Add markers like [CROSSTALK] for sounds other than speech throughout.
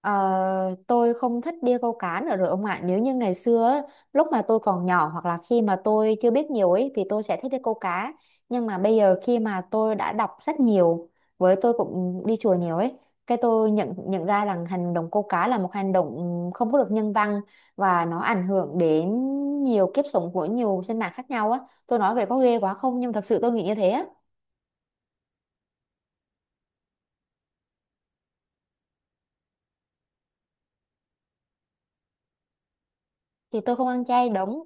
Ờ, tôi không thích đi câu cá nữa rồi ông ạ. Nếu như ngày xưa á, lúc mà tôi còn nhỏ hoặc là khi mà tôi chưa biết nhiều ấy thì tôi sẽ thích đi câu cá. Nhưng mà bây giờ khi mà tôi đã đọc sách nhiều với tôi cũng đi chùa nhiều ấy, cái tôi nhận nhận ra rằng hành động câu cá là một hành động không có được nhân văn và nó ảnh hưởng đến nhiều kiếp sống của nhiều sinh mạng khác nhau á. Tôi nói về có ghê quá không nhưng thật sự tôi nghĩ như thế á. Thì tôi không ăn chay đúng.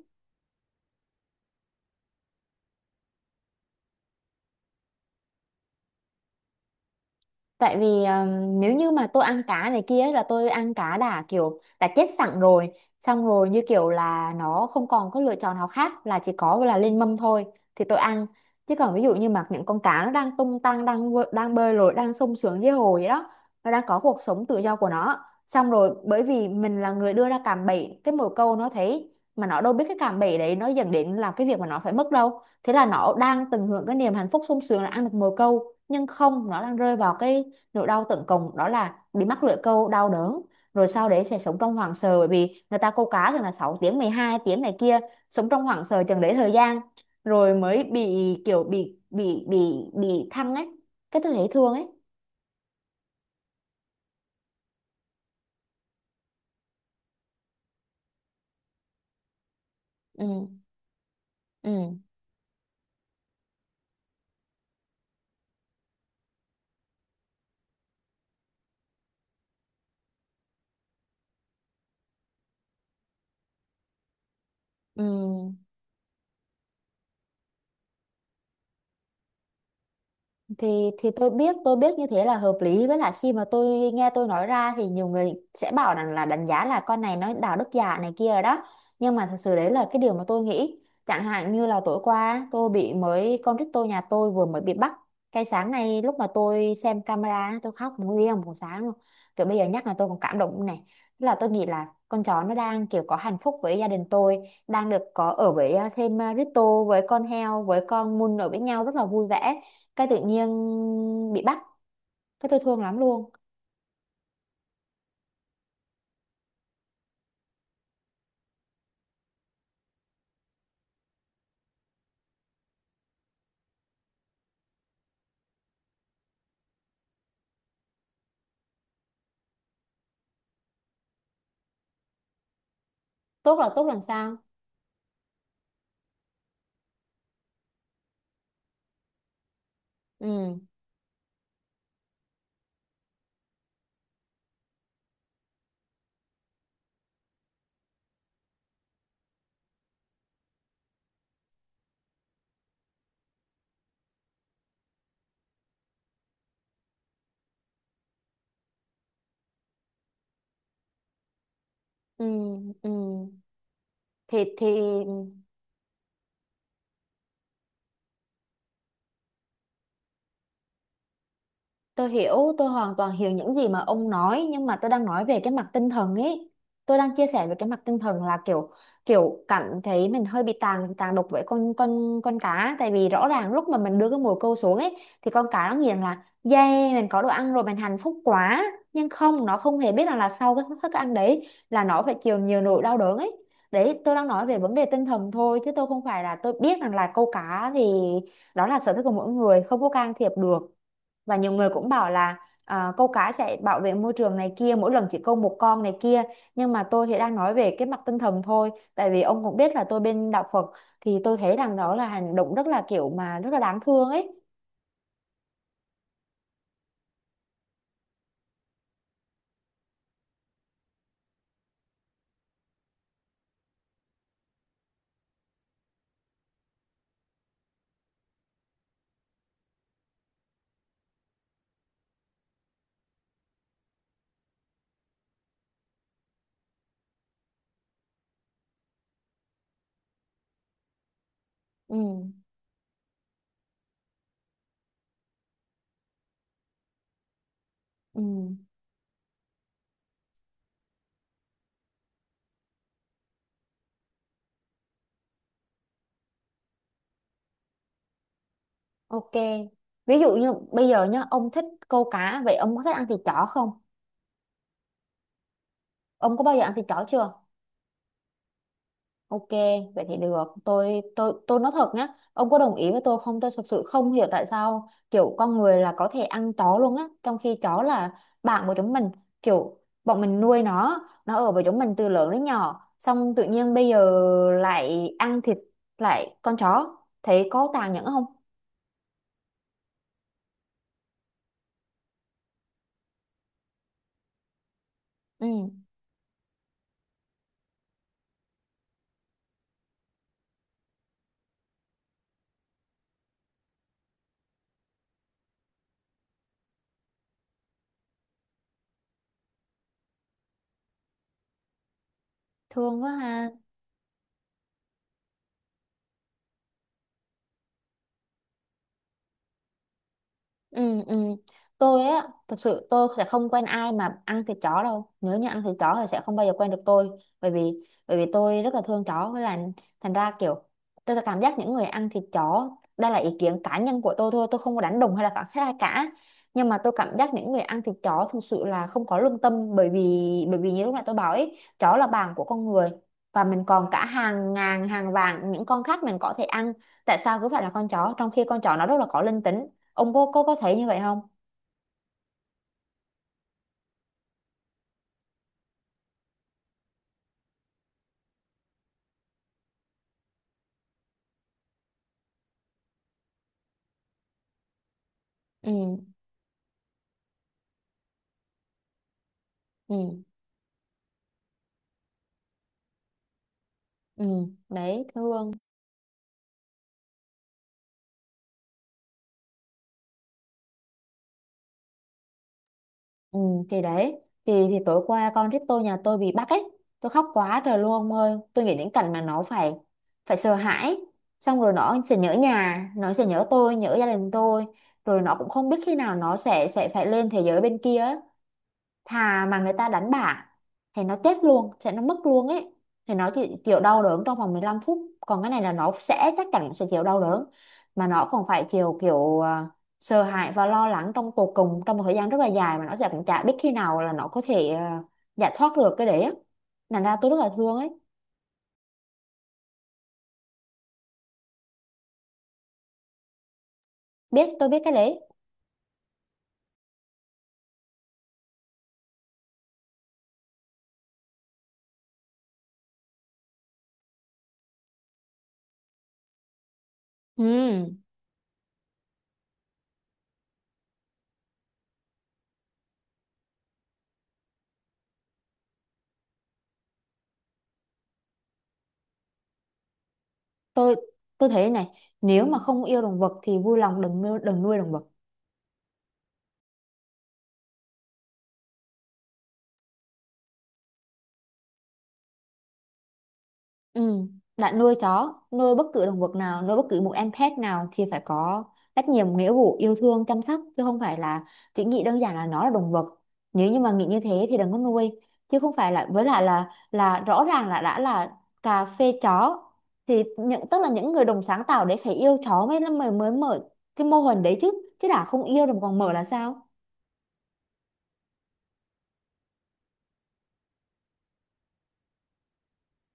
Tại vì nếu như mà tôi ăn cá này kia ấy, là tôi ăn cá đã kiểu đã chết sẵn rồi, xong rồi như kiểu là nó không còn có lựa chọn nào khác là chỉ có là lên mâm thôi thì tôi ăn. Chứ còn ví dụ như mà những con cá nó đang tung tăng đang bơi lội đang sung sướng dưới hồ vậy đó, nó đang có cuộc sống tự do của nó, xong rồi bởi vì mình là người đưa ra cạm bẫy cái mồi câu nó thấy mà nó đâu biết cái cạm bẫy đấy nó dẫn đến là cái việc mà nó phải mất đâu, thế là nó đang tận hưởng cái niềm hạnh phúc sung sướng là ăn được mồi câu nhưng không, nó đang rơi vào cái nỗi đau tận cùng đó là bị mắc lưỡi câu đau đớn, rồi sau đấy sẽ sống trong hoảng sợ bởi vì người ta câu cá thường là 6 tiếng 12 tiếng này kia, sống trong hoảng sợ chừng đấy thời gian rồi mới bị, kiểu bị thăng ấy, cái tôi thấy thương ấy. Ừ. Ừ. Ừ. Thì tôi biết như thế là hợp lý, với lại khi mà tôi nghe tôi nói ra thì nhiều người sẽ bảo rằng là đánh giá là con này nó đạo đức giả này kia rồi đó, nhưng mà thật sự đấy là cái điều mà tôi nghĩ. Chẳng hạn như là tối qua tôi bị mới con rít tôi nhà tôi vừa mới bị bắt, cái sáng nay lúc mà tôi xem camera tôi khóc nguyên một sáng luôn, kiểu bây giờ nhắc là tôi còn cảm động này. Tức là tôi nghĩ là con chó nó đang kiểu có hạnh phúc với gia đình tôi, đang được có ở với thêm Rito với con heo với con Mun ở với nhau rất là vui vẻ, cái tự nhiên bị bắt, cái tôi thương lắm luôn. Tốt là tốt làm sao? Ừ. Ừ. Ừ. Thì Tôi hiểu, tôi hoàn toàn hiểu những gì mà ông nói nhưng mà tôi đang nói về cái mặt tinh thần ấy. Tôi đang chia sẻ về cái mặt tinh thần là kiểu kiểu cảm thấy mình hơi bị tàn tàn độc với con cá, tại vì rõ ràng lúc mà mình đưa cái mồi câu xuống ấy thì con cá nó nghiền là yeah mình có đồ ăn rồi mình hạnh phúc quá, nhưng không, nó không hề biết rằng là sau cái thức ăn đấy là nó phải chịu nhiều nỗi đau đớn ấy. Đấy, tôi đang nói về vấn đề tinh thần thôi chứ tôi không phải là tôi biết rằng là câu cá thì đó là sở thích của mỗi người không có can thiệp được, và nhiều người cũng bảo là câu cá sẽ bảo vệ môi trường này kia mỗi lần chỉ câu một con này kia, nhưng mà tôi thì đang nói về cái mặt tinh thần thôi tại vì ông cũng biết là tôi bên đạo Phật, thì tôi thấy rằng đó là hành động rất là kiểu mà rất là đáng thương ấy. Ừ. Ừ. Ok, ví dụ như bây giờ nhá ông thích câu cá, vậy ông có thích ăn thịt chó không? Ông có bao giờ ăn thịt chó chưa? Ok, vậy thì được. Tôi nói thật nhá, ông có đồng ý với tôi không? Tôi thực sự không hiểu tại sao kiểu con người là có thể ăn chó luôn á, trong khi chó là bạn của chúng mình, kiểu bọn mình nuôi nó ở với chúng mình từ lớn đến nhỏ, xong tự nhiên bây giờ lại ăn thịt, lại con chó, thấy có tàn nhẫn không? Ừ, thương quá ha. Ừ, ừ. Tôi á, thật sự tôi sẽ không quen ai mà ăn thịt chó đâu. Nếu như ăn thịt chó thì sẽ không bao giờ quen được tôi. Bởi vì bởi vì tôi rất là thương chó, với là thành ra kiểu tôi sẽ cảm giác những người ăn thịt chó, đây là ý kiến cá nhân của tôi thôi, tôi không có đánh đồng hay là phán xét ai cả. Nhưng mà tôi cảm giác những người ăn thịt chó thực sự là không có lương tâm, bởi vì như lúc nãy tôi bảo ấy, chó là bạn của con người và mình còn cả hàng ngàn hàng vạn những con khác mình có thể ăn, tại sao cứ phải là con chó trong khi con chó nó rất là có linh tính? Ông có thấy như vậy không? Ừ. Ừ. Ừ. Đấy, thương. Ừ. Thì đấy, thì tối qua con rít tôi nhà tôi bị bắt ấy, tôi khóc quá trời luôn ông ơi, tôi nghĩ đến cảnh mà nó phải phải sợ hãi, xong rồi nó sẽ nhớ nhà, nó sẽ nhớ tôi, nhớ gia đình tôi, rồi nó cũng không biết khi nào nó sẽ phải lên thế giới bên kia. Thà mà người ta đánh bả thì nó chết luôn, sẽ nó mất luôn ấy, thì nó chỉ chịu đau đớn trong vòng 15 phút, còn cái này là nó sẽ chắc chắn sẽ chịu đau đớn, mà nó còn phải chịu kiểu sợ hãi và lo lắng trong tột cùng trong một thời gian rất là dài mà nó sẽ cũng chả biết khi nào là nó có thể giải thoát được cái đấy á, thành ra tôi rất là thương ấy. Biết, tôi biết cái đấy. Ừ. tôi tôi thấy này, nếu mà không yêu động vật thì vui lòng đừng nuôi, đừng nuôi động vật. Ừ. Bạn nuôi chó, nuôi bất cứ động vật nào, nuôi bất cứ một em pet nào thì phải có trách nhiệm, nghĩa vụ, yêu thương, chăm sóc chứ không phải là chỉ nghĩ đơn giản là nó là động vật. Nếu như mà nghĩ như thế thì đừng có nuôi, chứ không phải là, với lại là rõ ràng là đã là cà phê chó thì những tức là những người đồng sáng tạo đấy phải yêu chó mới mới mới mở cái mô hình đấy chứ, chứ đã không yêu đồng còn mở là sao?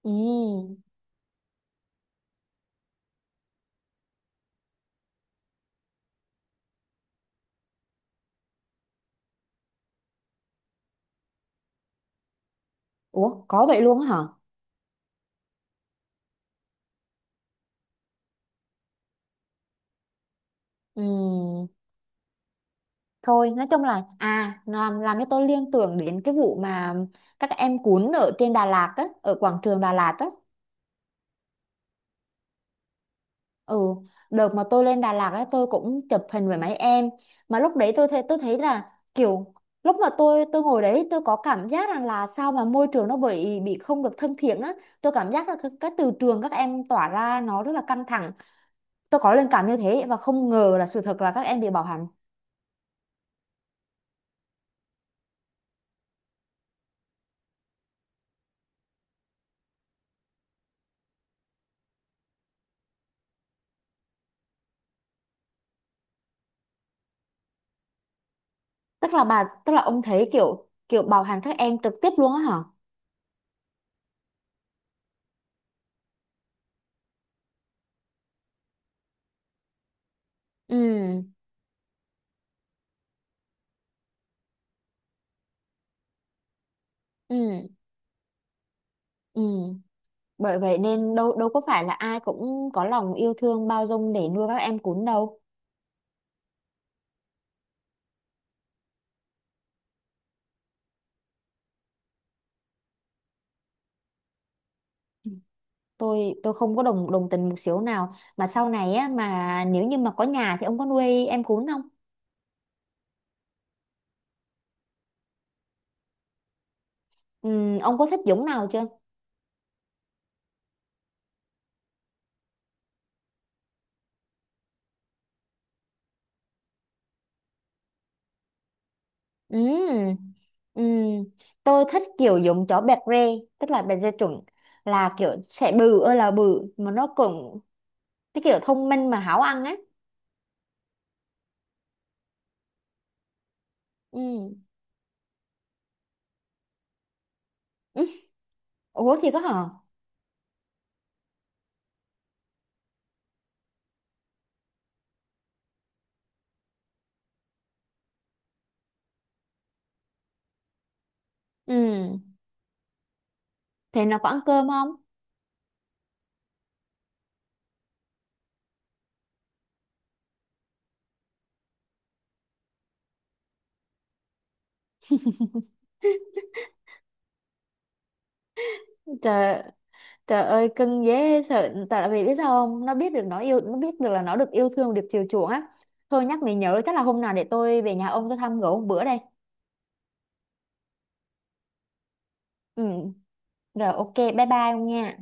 Ừ. Ủa có vậy luôn á hả? Ừ. Thôi nói chung là à, làm cho tôi liên tưởng đến cái vụ mà các em cuốn ở trên Đà Lạt á ở quảng trường Đà Lạt á. Ừ. Đợt mà tôi lên Đà Lạt á tôi cũng chụp hình với mấy em, mà lúc đấy tôi thấy là kiểu lúc mà tôi ngồi đấy tôi có cảm giác rằng là sao mà môi trường nó bị không được thân thiện á. Tôi cảm giác là cái từ trường các em tỏa ra nó rất là căng thẳng, tôi có linh cảm như thế và không ngờ là sự thật là các em bị bạo hành. Tức là ông thấy kiểu kiểu bạo hành các em trực tiếp luôn á hả? Ừ. Ừ. Ừ. Bởi vậy nên đâu đâu có phải là ai cũng có lòng yêu thương bao dung để nuôi các em cún đâu. Tôi không có đồng đồng tình một xíu nào, mà sau này á mà nếu như mà có nhà thì ông có nuôi em cún không? Ừ, ông có thích giống nào chưa? Ừ. Ừ. Tôi thích kiểu giống chó bẹt rê tức là bẹt rê chuẩn, là kiểu sẽ bự ơi là bự mà nó cũng cái kiểu thông minh mà háo ăn á. Ừ. [LAUGHS] Ủa thì có hả? Ừ. Thế nó có ăn cơm không? Trời, trời ơi cưng dễ sợ, tại vì biết sao không, nó biết được nó yêu, nó biết được là nó được yêu thương được chiều chuộng á. Thôi nhắc mày nhớ chắc là hôm nào để tôi về nhà ông tôi thăm gỡ một bữa đây. Ừ. Rồi, ok, bye bye ông nha.